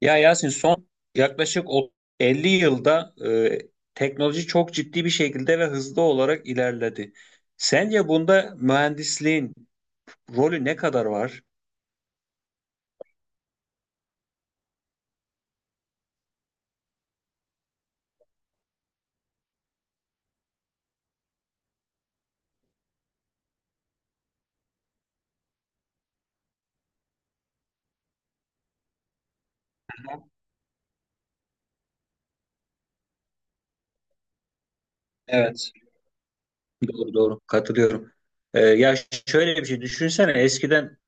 Ya Yasin son yaklaşık 50 yılda teknoloji çok ciddi bir şekilde ve hızlı olarak ilerledi. Sence bunda mühendisliğin rolü ne kadar var? Evet. Doğru, doğru, katılıyorum. Ya şöyle bir şey düşünsene, eskiden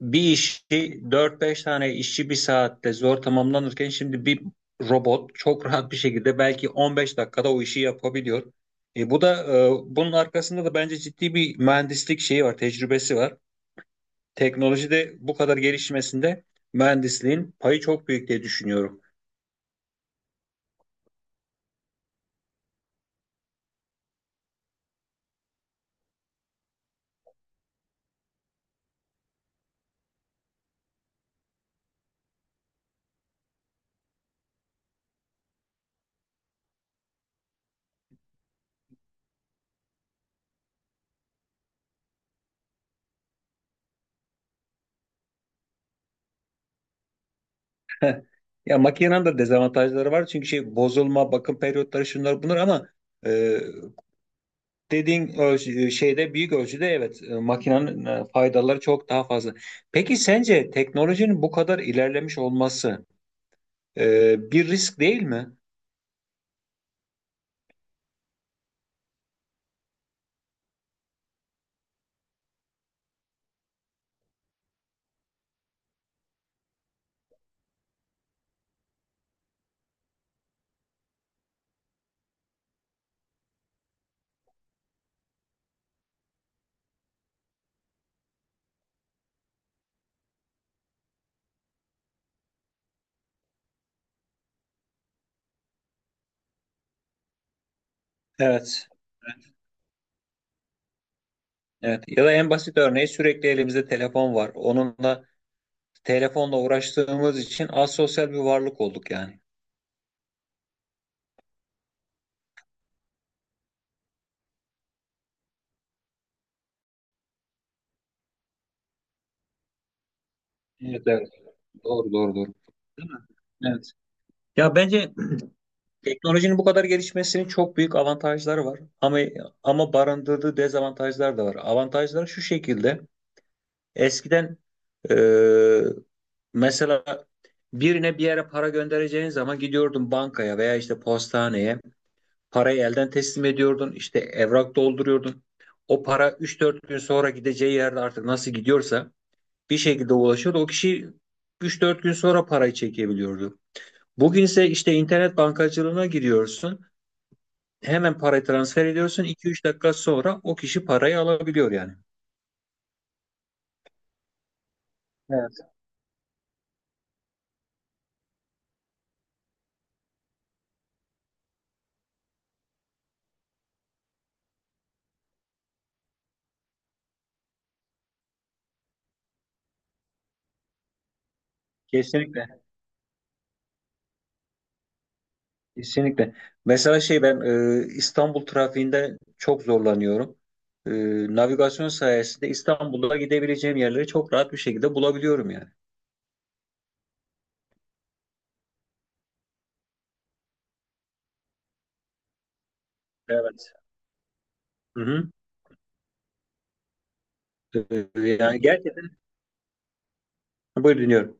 bir işi dört beş tane işçi bir saatte zor tamamlanırken şimdi bir robot çok rahat bir şekilde belki 15 dakikada o işi yapabiliyor. Bu da bunun arkasında da bence ciddi bir mühendislik şeyi var, tecrübesi var. Teknolojide bu kadar gelişmesinde mühendisliğin payı çok büyük diye düşünüyorum. Ya makinenin de dezavantajları var çünkü şey bozulma, bakım periyotları şunlar bunlar ama e, şeyde büyük ölçüde evet, makinenin faydaları çok daha fazla. Peki sence teknolojinin bu kadar ilerlemiş olması bir risk değil mi? Evet. Evet. Ya da en basit örneği, sürekli elimizde telefon var. Telefonla uğraştığımız için asosyal bir varlık olduk yani. Evet, evet. Doğru, doğru, doğru. Değil mi? Evet. Ya bence teknolojinin bu kadar gelişmesinin çok büyük avantajları var. Ama barındırdığı dezavantajlar da var. Avantajları şu şekilde: eskiden, e, mesela birine bir yere para göndereceğin zaman gidiyordun bankaya veya işte postaneye. Parayı elden teslim ediyordun, işte evrak dolduruyordun. O para üç dört gün sonra gideceği yerde artık nasıl gidiyorsa bir şekilde ulaşıyordu. O kişi üç dört gün sonra parayı çekebiliyordu. Bugün ise işte internet bankacılığına giriyorsun. Hemen parayı transfer ediyorsun. İki üç dakika sonra o kişi parayı alabiliyor yani. Evet, kesinlikle, kesinlikle. Mesela şey, ben İstanbul trafiğinde çok zorlanıyorum. E, Navigasyon sayesinde İstanbul'da gidebileceğim yerleri çok rahat bir şekilde bulabiliyorum yani. Evet. Hı hı. Yani gerçekten buyur, dinliyorum.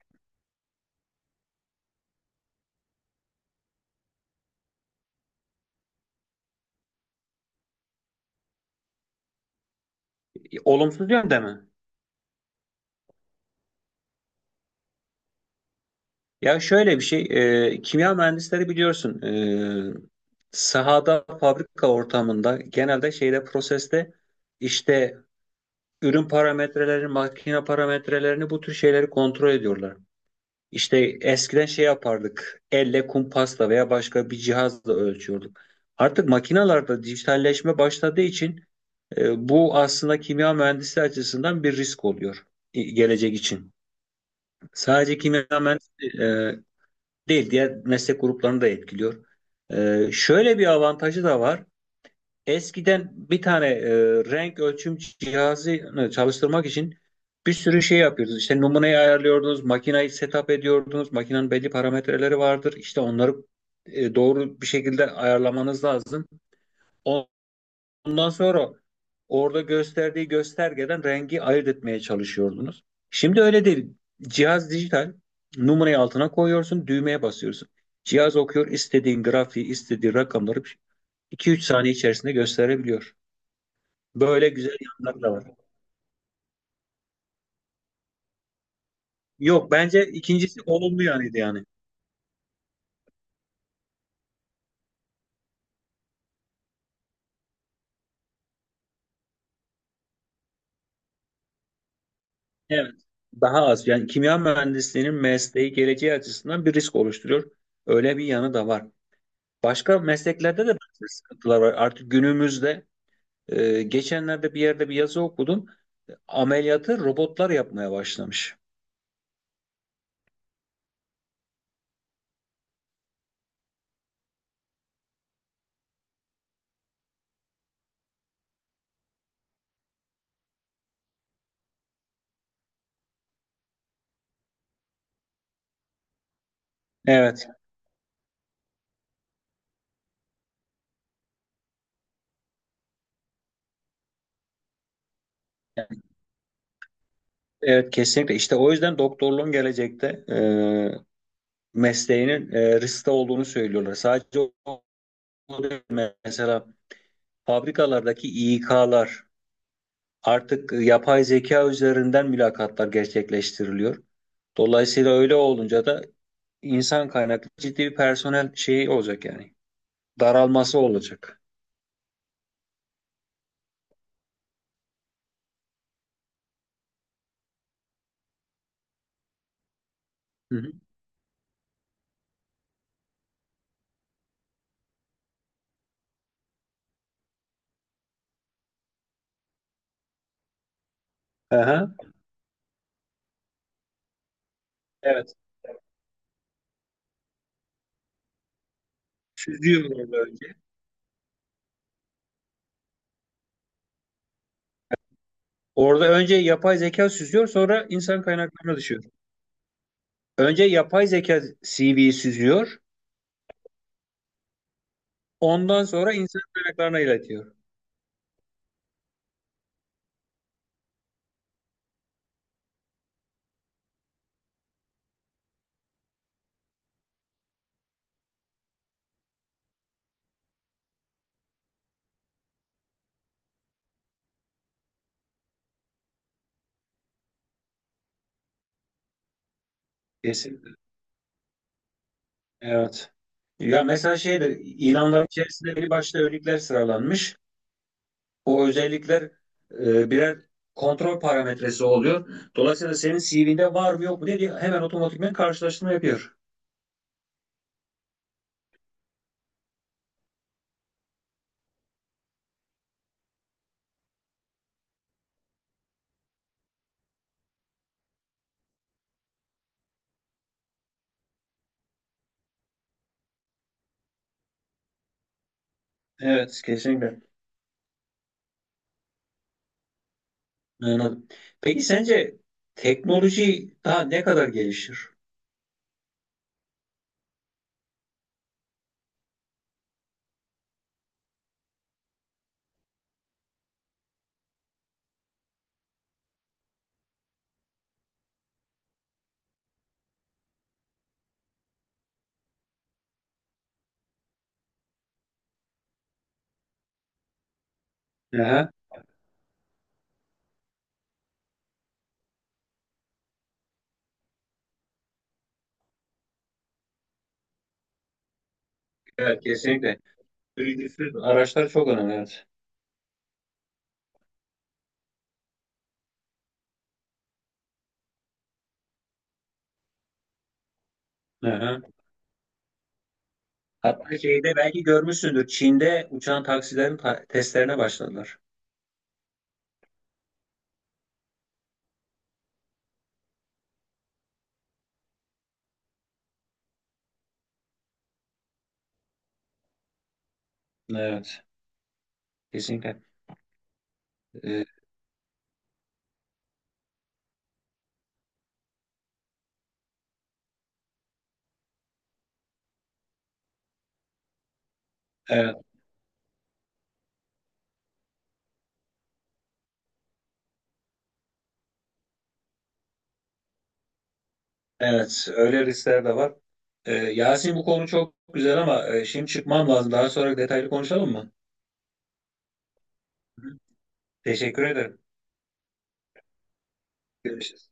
Olumsuz yönde mi? Ya şöyle bir şey, kimya mühendisleri biliyorsun, sahada, fabrika ortamında genelde şeyde, proseste, işte ürün parametrelerini, makine parametrelerini bu tür şeyleri kontrol ediyorlar. İşte eskiden şey yapardık, elle kumpasla veya başka bir cihazla ölçüyorduk. Artık makinalarda dijitalleşme başladığı için bu aslında kimya mühendisi açısından bir risk oluyor gelecek için. Sadece kimya mühendisi değil, diğer meslek gruplarını da etkiliyor. Şöyle bir avantajı da var. Eskiden bir tane renk ölçüm cihazını çalıştırmak için bir sürü şey yapıyordunuz. İşte numuneyi ayarlıyordunuz, makinayı setup ediyordunuz. Makinenin belli parametreleri vardır. İşte onları doğru bir şekilde ayarlamanız lazım. On- Ondan sonra orada gösterdiği göstergeden rengi ayırt etmeye çalışıyordunuz. Şimdi öyle değil. Cihaz dijital. Numarayı altına koyuyorsun, düğmeye basıyorsun. Cihaz okuyor, istediğin grafiği, istediği rakamları 2-3 saniye içerisinde gösterebiliyor. Böyle güzel yanları da var. Yok, bence ikincisi olumlu yanıydı yani. Evet. Daha az. Yani kimya mühendisliğinin mesleği, geleceği açısından bir risk oluşturuyor. Öyle bir yanı da var. Başka mesleklerde de bazı sıkıntılar var. Artık günümüzde, geçenlerde bir yerde bir yazı okudum. Ameliyatı robotlar yapmaya başlamış. Evet, evet, kesinlikle. İşte o yüzden doktorluğun gelecekte mesleğinin riskte olduğunu söylüyorlar. Sadece o o değil. Mesela fabrikalardaki İK'lar artık yapay zeka üzerinden mülakatlar gerçekleştiriliyor. Dolayısıyla öyle olunca da insan kaynaklı ciddi bir personel şeyi olacak yani. Daralması olacak. Hı hı. Aha. Evet. Süzüyorlar böyle. Orada önce yapay zeka süzüyor, sonra insan kaynaklarına düşüyor. Önce yapay zeka CV'yi süzüyor, ondan sonra insan kaynaklarına iletiyor. Kesinlikle. Evet. Ya mesela şeyde, ilanların içerisinde bir başta özellikler sıralanmış. O özellikler birer kontrol parametresi oluyor. Dolayısıyla senin CV'nde var mı yok mu diye hemen otomatikman karşılaştırma yapıyor. Evet, kesinlikle. Anladım. Peki sence teknoloji daha ne kadar gelişir? Aha. Evet, kesinlikle. Vergisiz araçlar çok önemli, evet. Hı hı. Hatta şeyde belki görmüşsündür. Çin'de uçan taksilerin testlerine başladılar. Evet, kesinlikle. Ee, Evet, evet, öyle riskler de var. Yasin, bu konu çok güzel ama şimdi çıkmam lazım. Daha sonra detaylı konuşalım mı? Hı. Teşekkür ederim. Görüşürüz.